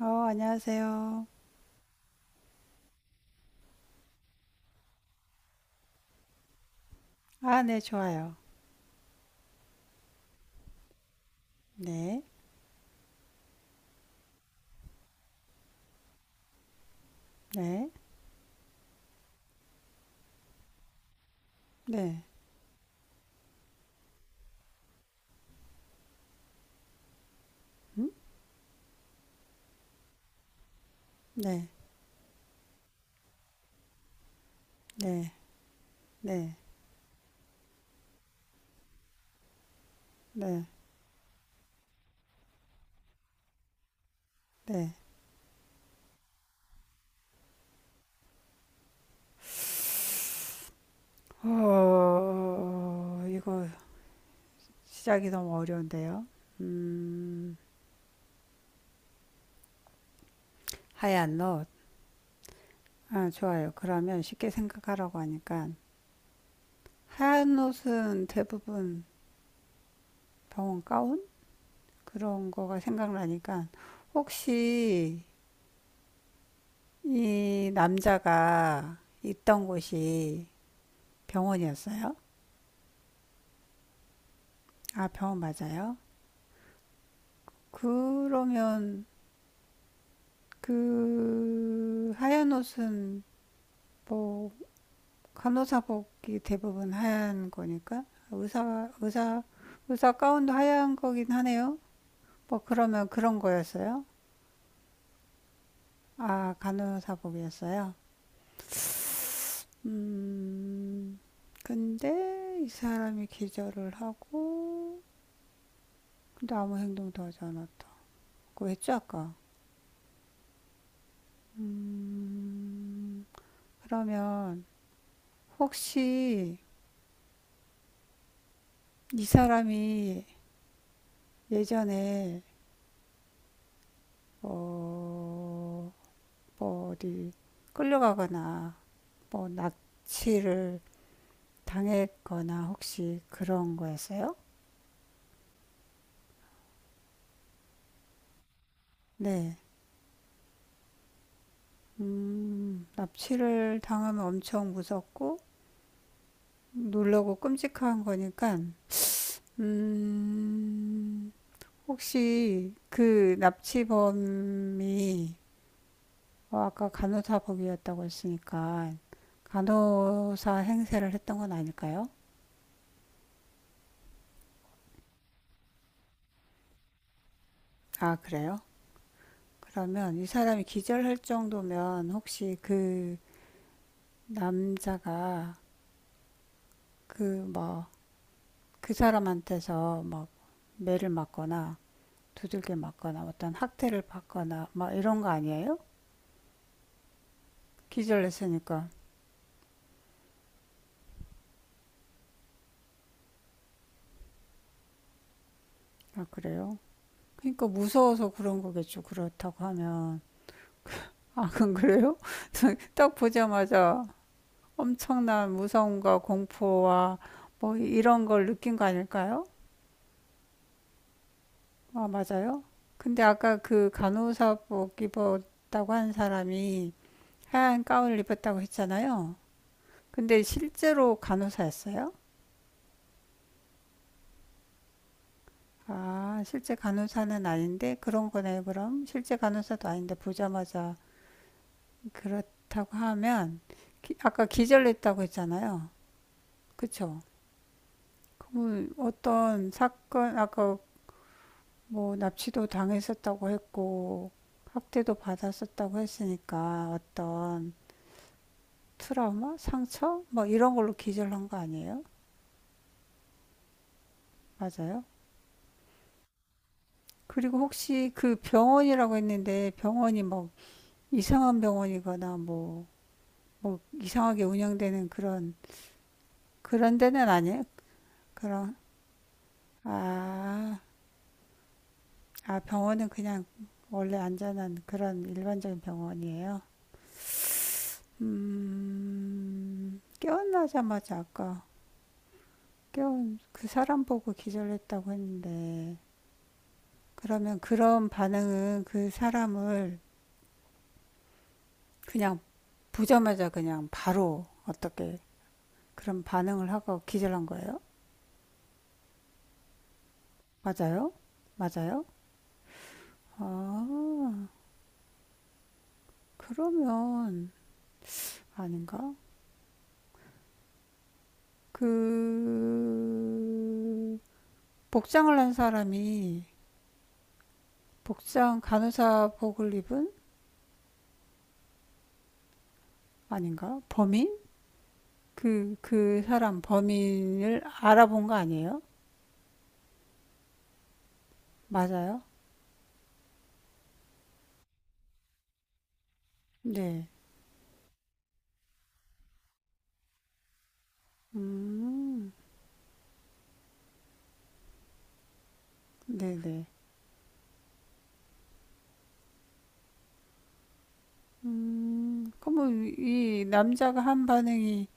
어, 안녕하세요. 아, 네, 좋아요. 네, 네, 네, 음? 네, 네, 네, 네, 네. 이거 시작이 너무 어려운데요. 하얀 옷. 아, 좋아요. 그러면 쉽게 생각하라고 하니까. 하얀 옷은 대부분 병원 가운? 그런 거가 생각나니까. 혹시 이 남자가 있던 곳이 병원이었어요? 아, 병원 맞아요? 그러면 그 하얀 옷은 뭐 간호사복이 대부분 하얀 거니까 의사 의사 가운도 하얀 거긴 하네요. 뭐 그러면 그런 거였어요? 아 간호사복이었어요. 음, 근데 이 사람이 기절을 하고 근데 아무 행동도 하지 않았다. 그거 했죠 아까? 그러면 혹시 이 사람이 예전에 어, 뭐 어디 끌려가거나 뭐 납치를 당했거나 혹시 그런 거였어요? 네. 납치를 당하면 엄청 무섭고 놀라고 끔찍한 거니까, 음, 혹시 그 납치범이, 아까 간호사복이었다고 했으니까 간호사 행세를 했던 건 아닐까요? 아, 그래요? 그러면 이 사람이 기절할 정도면 혹시 그 남자가 그 뭐 그 사람한테서 막 매를 맞거나 두들겨 맞거나 어떤 학대를 받거나 막 이런 거 아니에요? 기절했으니까. 아, 그래요? 그러니까 무서워서 그런 거겠죠. 그렇다고 하면. 아, 그건 그래요? 딱 보자마자 엄청난 무서움과 공포와 뭐 이런 걸 느낀 거 아닐까요? 아, 맞아요? 근데 아까 그 간호사복 입었다고 한 사람이 하얀 가운을 입었다고 했잖아요. 근데 실제로 간호사였어요? 아, 실제 간호사는 아닌데 그런 거네요, 그럼. 실제 간호사도 아닌데 보자마자 그렇다고 하면 아까 기절했다고 했잖아요. 그쵸? 그럼 어떤 사건, 아까 뭐 납치도 당했었다고 했고 학대도 받았었다고 했으니까 어떤 트라우마, 상처 뭐 이런 걸로 기절한 거 아니에요? 맞아요? 그리고 혹시 그 병원이라고 했는데 병원이 뭐 이상한 병원이거나 뭐, 뭐 이상하게 운영되는 그런 그런 데는 아니에요? 그런, 아, 아 병원은 그냥 원래 안전한 그런 일반적인 병원이에요. 깨어나자마자 아까 깨운 그 사람 보고 기절했다고 했는데 그러면 그런 반응은 그 사람을 그냥 보자마자 그냥 바로 어떻게 그런 반응을 하고 기절한 거예요? 맞아요? 맞아요? 아, 그러면 아닌가? 그 복장을 한 사람이 복장 간호사복을 입은 아닌가? 범인? 그, 그 사람 범인을 알아본 거 아니에요? 맞아요? 네. 음, 네네. 그러면 이 남자가 한 반응이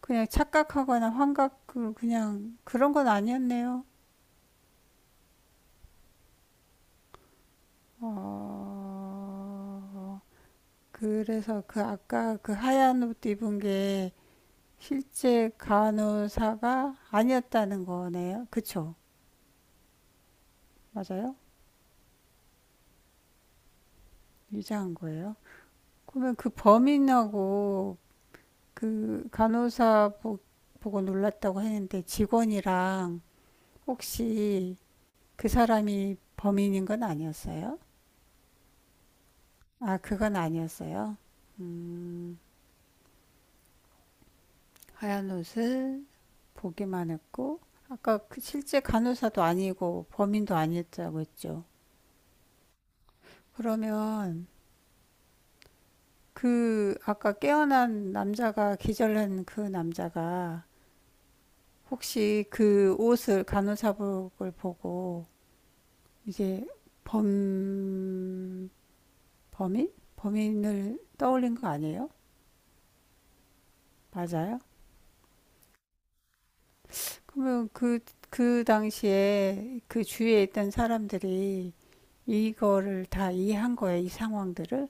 그냥 착각하거나 환각, 그냥 그런 건 아니었네요. 어, 그래서 그 아까 그 하얀 옷 입은 게 실제 간호사가 아니었다는 거네요. 그쵸? 맞아요? 유자한 거예요. 그러면 그 범인하고 그 보고 놀랐다고 했는데 직원이랑 혹시 그 사람이 범인인 건 아니었어요? 아, 그건 아니었어요. 하얀 옷을 보기만 했고, 아까 그 실제 간호사도 아니고 범인도 아니었다고 했죠. 그러면 그 아까 깨어난 남자가 기절한 그 남자가 혹시 그 옷을 간호사복을 보고 이제 범 범인 범인을 떠올린 거 아니에요? 맞아요? 그러면 그, 그 당시에 그 주위에 있던 사람들이 이거를 다 이해한 거예요, 이 상황들을?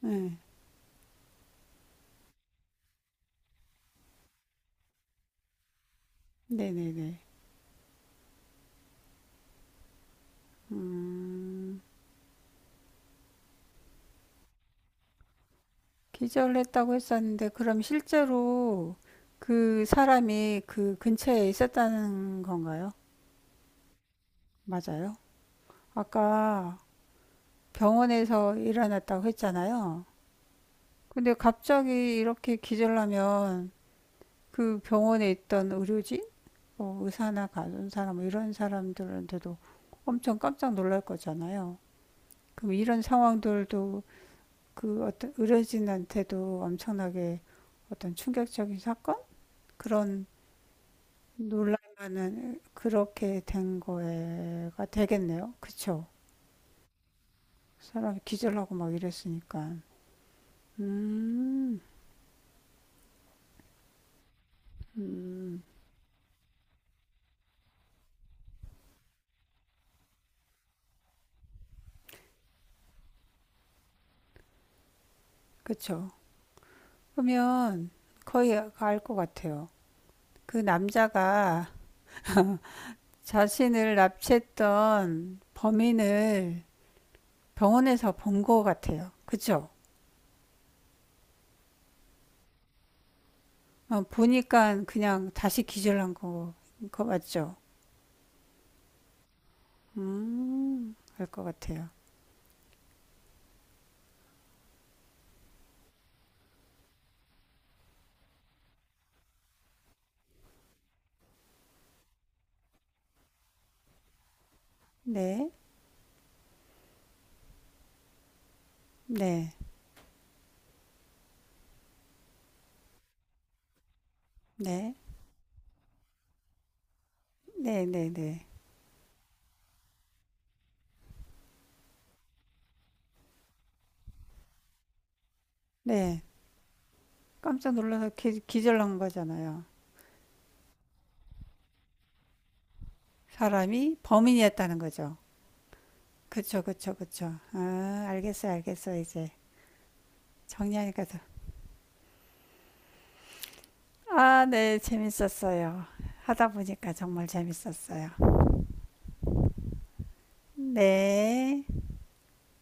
네, 네네네. 음, 기절했다고 했었는데, 그럼 실제로 그 사람이 그 근처에 있었다는 건가요? 맞아요? 아까 병원에서 일어났다고 했잖아요. 근데 갑자기 이렇게 기절하면 그 병원에 있던 의료진, 뭐 의사나 간호사 뭐 이런 사람들한테도 엄청 깜짝 놀랄 거잖아요. 그럼 이런 상황들도 그 어떤 의료진한테도 엄청나게 어떤 충격적인 사건? 그런 놀랄만한 그렇게 된 거가 되겠네요. 그쵸? 사람이 기절하고 막 이랬으니까. 음, 음, 그쵸. 그러면 거의 알 것 같아요. 그 남자가 자신을 납치했던 범인을 병원에서 본 거 같아요. 그죠? 어, 보니까 그냥 다시 기절한 거, 거 맞죠? 알 것 같아요. 네, 네, 네, 네, 네, 네. 네, 깜짝 놀라서 기절한 거잖아요. 사람이 범인이었다는 거죠. 그쵸, 그쵸, 그쵸. 아, 알겠어요, 알겠어요, 이제. 정리하니까 더. 아, 네, 재밌었어요. 하다 보니까 정말 재밌었어요. 네.